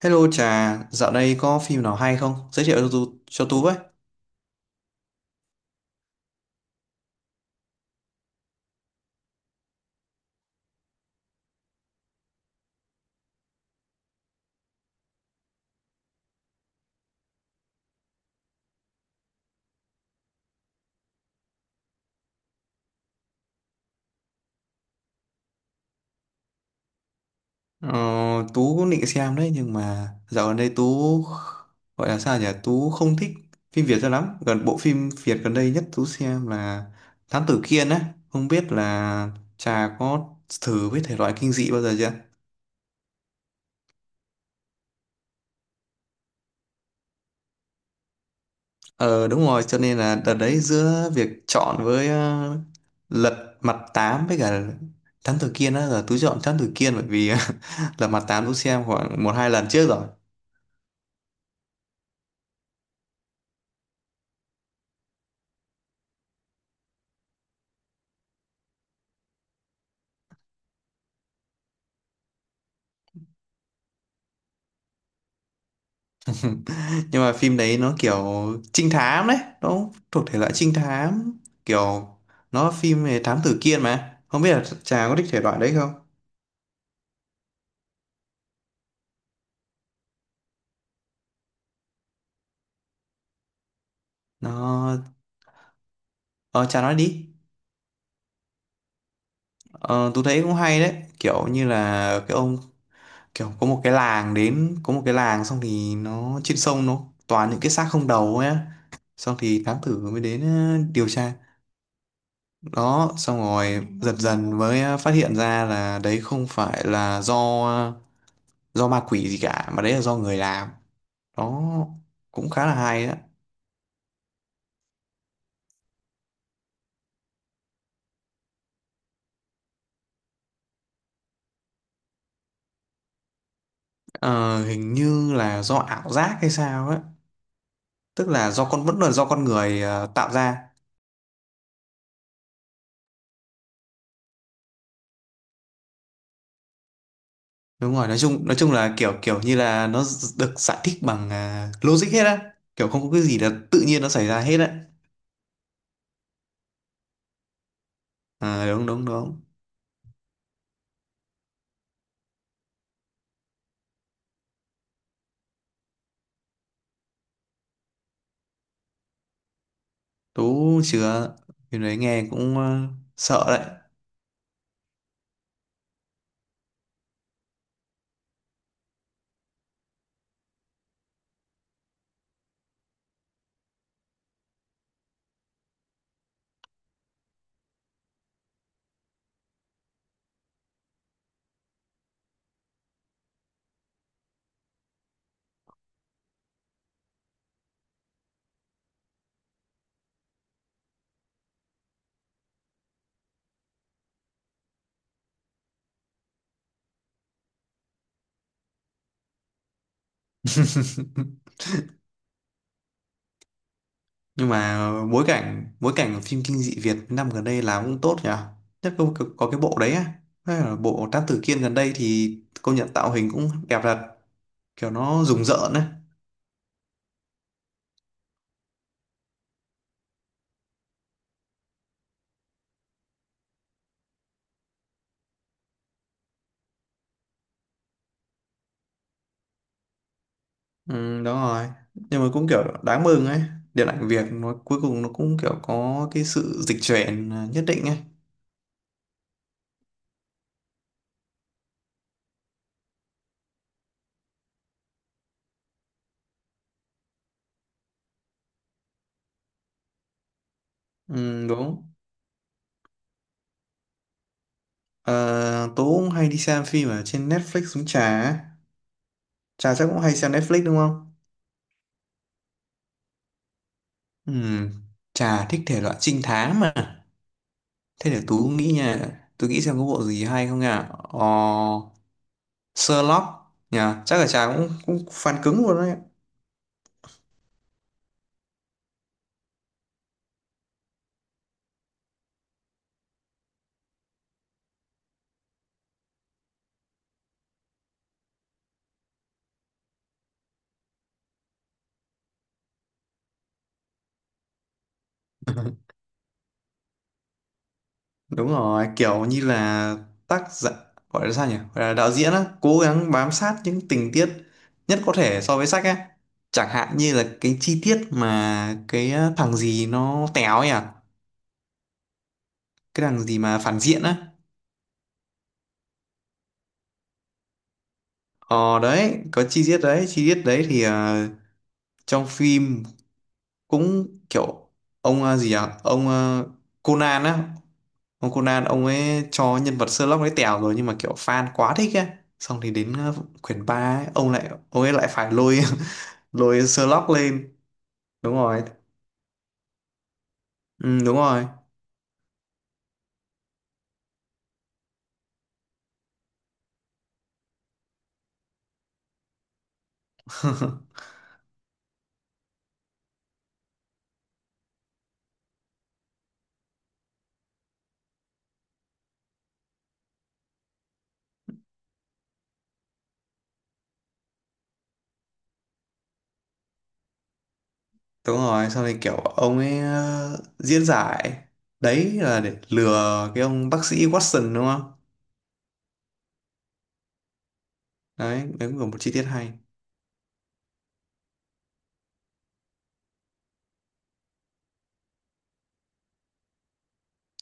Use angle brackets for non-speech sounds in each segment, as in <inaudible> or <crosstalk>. Hello Trà, dạo đây có phim nào hay không? Giới thiệu cho Tú với. Ờ, Tú cũng định xem đấy nhưng mà dạo gần đây Tú gọi là sao nhỉ? Tú không thích phim Việt cho lắm. Gần bộ phim Việt gần đây nhất Tú xem là Thám Tử Kiên á. Không biết là Trà có thử với thể loại kinh dị bao giờ chưa? Ờ đúng rồi, cho nên là đợt đấy giữa việc chọn với Lật Mặt Tám với cả Thám Tử Kiên á, là Tú chọn Thám Tử Kiên bởi vì <laughs> Lật Mặt Tám Tú xem khoảng một hai lần trước rồi. Nhưng mà phim đấy nó kiểu trinh thám đấy, nó thuộc thể loại trinh thám, kiểu nó phim về thám tử Kiên, mà không biết là chàng có thích thể loại đấy không? Nó ờ chàng nói đi. Ờ tôi thấy cũng hay đấy, kiểu như là cái ông kiểu có một cái làng, xong thì nó trên sông nó toàn những cái xác không đầu ấy á. Xong thì thám tử mới đến điều tra đó, xong rồi dần dần mới phát hiện ra là đấy không phải là do ma quỷ gì cả, mà đấy là do người làm đó. Cũng khá là hay đó. Ờ, hình như là do ảo giác hay sao ấy, tức là do con vẫn là do con người tạo ra. Đúng rồi, nói chung là kiểu kiểu như là nó được giải thích bằng logic hết á, kiểu không có cái gì là tự nhiên nó xảy ra hết á. Ờ, đúng đúng đúng. Tú chưa. Cái đấy nghe cũng sợ đấy. <laughs> Nhưng mà bối cảnh của phim kinh dị Việt năm gần đây làm cũng tốt nhỉ. Nhất có cái bộ đấy á, hay là bộ Thám Tử Kiên gần đây thì công nhận tạo hình cũng đẹp thật, kiểu nó rùng rợn ấy. Ừ, đúng rồi. Nhưng mà cũng kiểu đáng mừng ấy, điện ảnh Việt nó cuối cùng nó cũng kiểu có cái sự dịch chuyển nhất định ấy. Ừ, đúng. Ờ, Tố cũng hay đi xem phim ở trên Netflix uống trà ấy. Trà chắc cũng hay xem Netflix đúng không? Ừ, Trà thích thể loại trinh thám mà. Thế để Tú nghĩ nha, Tú nghĩ xem có bộ gì hay không nha. Ờ, Sherlock nha, chắc là chàng cũng cũng fan cứng luôn đấy. Đúng rồi, kiểu như là tác giả gọi là sao nhỉ? Gọi là đạo diễn á, cố gắng bám sát những tình tiết nhất có thể so với sách á. Chẳng hạn như là cái chi tiết mà cái thằng gì nó téo nhỉ? Cái thằng gì mà phản diện á. Ờ đấy, có chi tiết đấy thì trong phim cũng kiểu ông gì à? Ông Conan á, ông Conan ông ấy cho nhân vật Sherlock ấy tèo rồi nhưng mà kiểu fan quá thích ấy, xong thì đến quyển 3 ấy, ông ấy lại phải lôi <laughs> lôi Sherlock lên. Đúng rồi, ừ, đúng rồi. <laughs> Đúng rồi, xong thì kiểu ông ấy diễn giải đấy là để lừa cái ông bác sĩ Watson đúng không? Đấy đấy cũng là một chi tiết hay.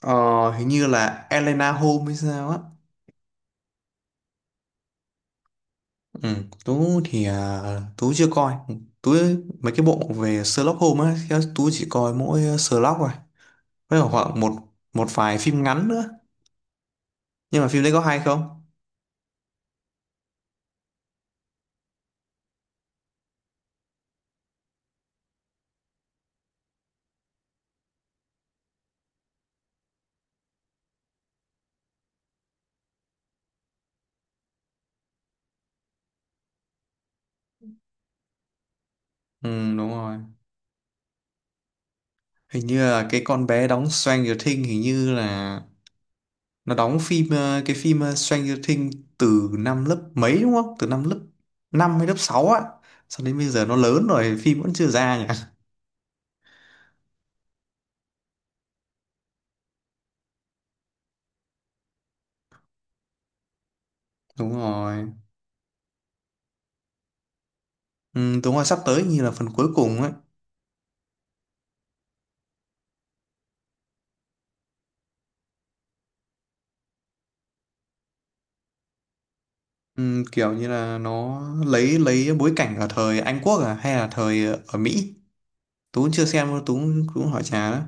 Ờ, hình như là Elena Holmes hay sao á. Ừ, Tú thì Tú chưa coi. Tú mấy cái bộ về Sherlock Holmes á thì Tú chỉ coi mỗi Sherlock rồi, với cả khoảng một một vài phim ngắn nữa. Nhưng mà phim đấy có hay không? Ừ, đúng rồi, hình như là cái con bé đóng Stranger Things hình như là nó đóng phim Stranger Things từ năm lớp mấy đúng không? Từ năm lớp 5 hay lớp 6 á. Sau đến bây giờ nó lớn rồi phim vẫn chưa ra nhỉ? Đúng rồi, ừ, đúng rồi, sắp tới như là phần cuối cùng ấy. Kiểu như là nó lấy bối cảnh ở thời Anh Quốc à hay là thời ở Mỹ? Tú cũng chưa xem đâu, Tú cũng hỏi Trà đó.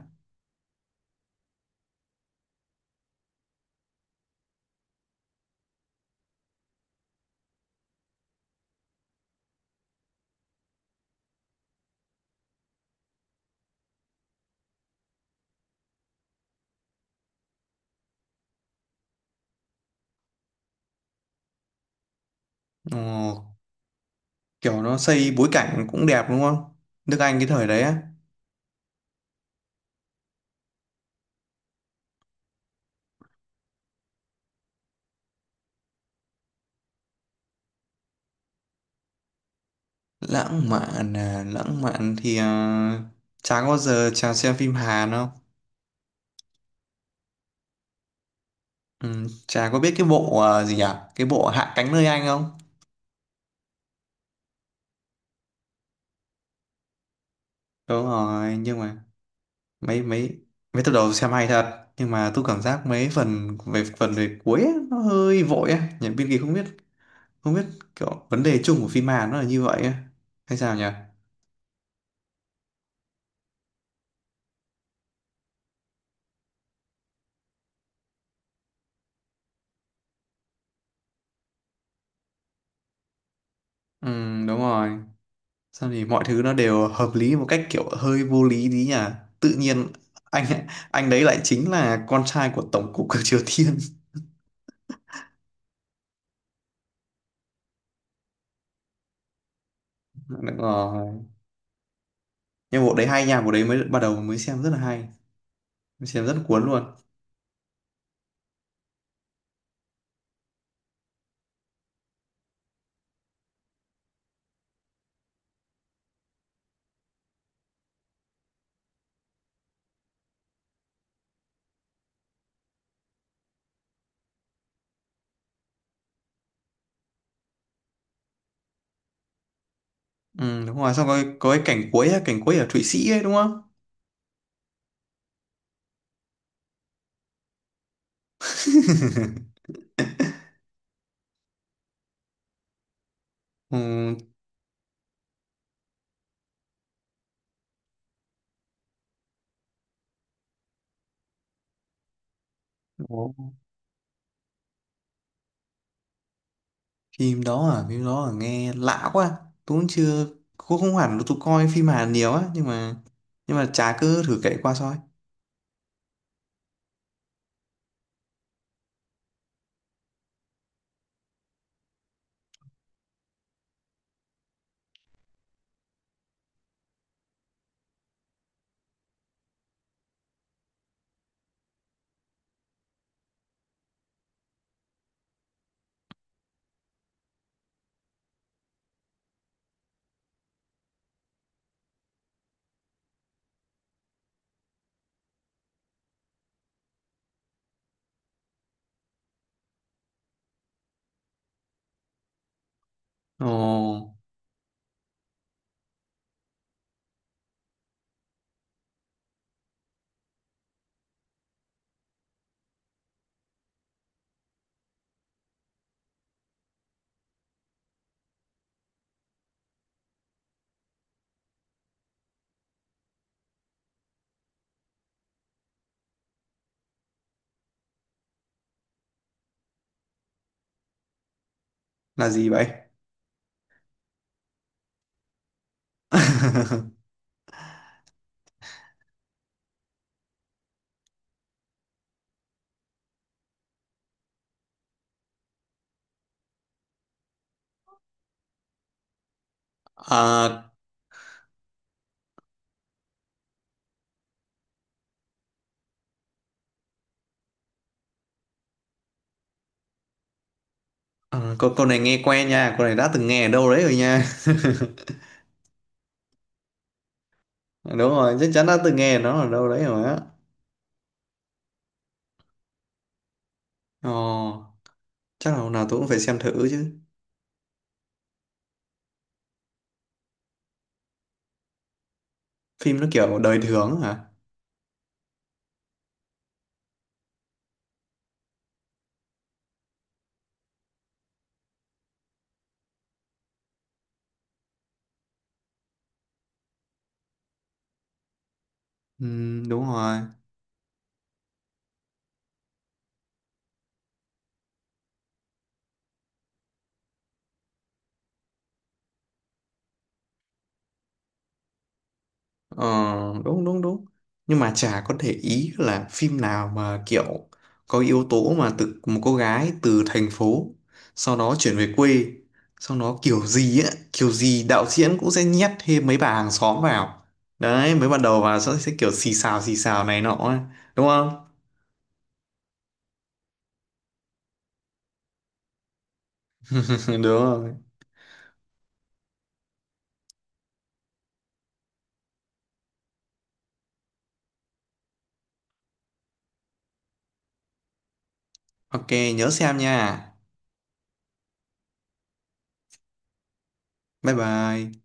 Ồ, kiểu nó xây bối cảnh cũng đẹp đúng không? Nước Anh cái thời đấy á. Lãng mạn à, lãng mạn thì Trà có bao giờ Trà xem phim Hàn không? Trà có biết cái bộ gì nhỉ, cái bộ Hạ cánh nơi Anh không? Đúng rồi, nhưng mà mấy mấy mấy tập đầu xem hay thật nhưng mà tôi cảm giác mấy phần về cuối á, nó hơi vội á, nhà biên kịch không biết kiểu vấn đề chung của phim Hàn nó là như vậy ấy. Hay sao nhỉ? Ừ, đúng rồi, sao thì mọi thứ nó đều hợp lý một cách kiểu hơi vô lý tí nhỉ, tự nhiên anh anh đấy lại chính là con trai của tổng cục của Triều Tiên. <laughs> Đúng rồi, nhưng bộ đấy hay nha, bộ đấy mới bắt đầu mới xem rất là hay, mới xem rất cuốn luôn. Ừ, đúng rồi, xong có cái cảnh cuối á, cảnh cuối ở Thụy Sĩ ấy đúng không? Ừ, phim đó à? Phim đó à? Nghe lạ quá, tôi cũng chưa, cũng không hẳn là tôi coi phim Hàn nhiều á, nhưng mà chả cứ thử kể qua thôi. Ồ, là gì vậy? <laughs> à, câu này nghe quen nha, câu này đã từng nghe ở đâu đấy rồi nha. <laughs> Đúng rồi, chắc chắn đã từng nghe nó ở đâu đấy rồi á. Ồ. Chắc là hôm nào tôi cũng phải xem thử chứ. Phim nó kiểu đời thường hả? Ừ, đúng rồi. Ờ, đúng đúng đúng, nhưng mà chả có để ý là phim nào mà kiểu có yếu tố mà từ một cô gái từ thành phố sau đó chuyển về quê, sau đó kiểu gì á kiểu gì đạo diễn cũng sẽ nhét thêm mấy bà hàng xóm vào, đấy mới ban đầu vào sẽ kiểu xì xào này nọ ấy. Đúng không? <laughs> Đúng rồi, ok, nhớ xem nha, bye bye.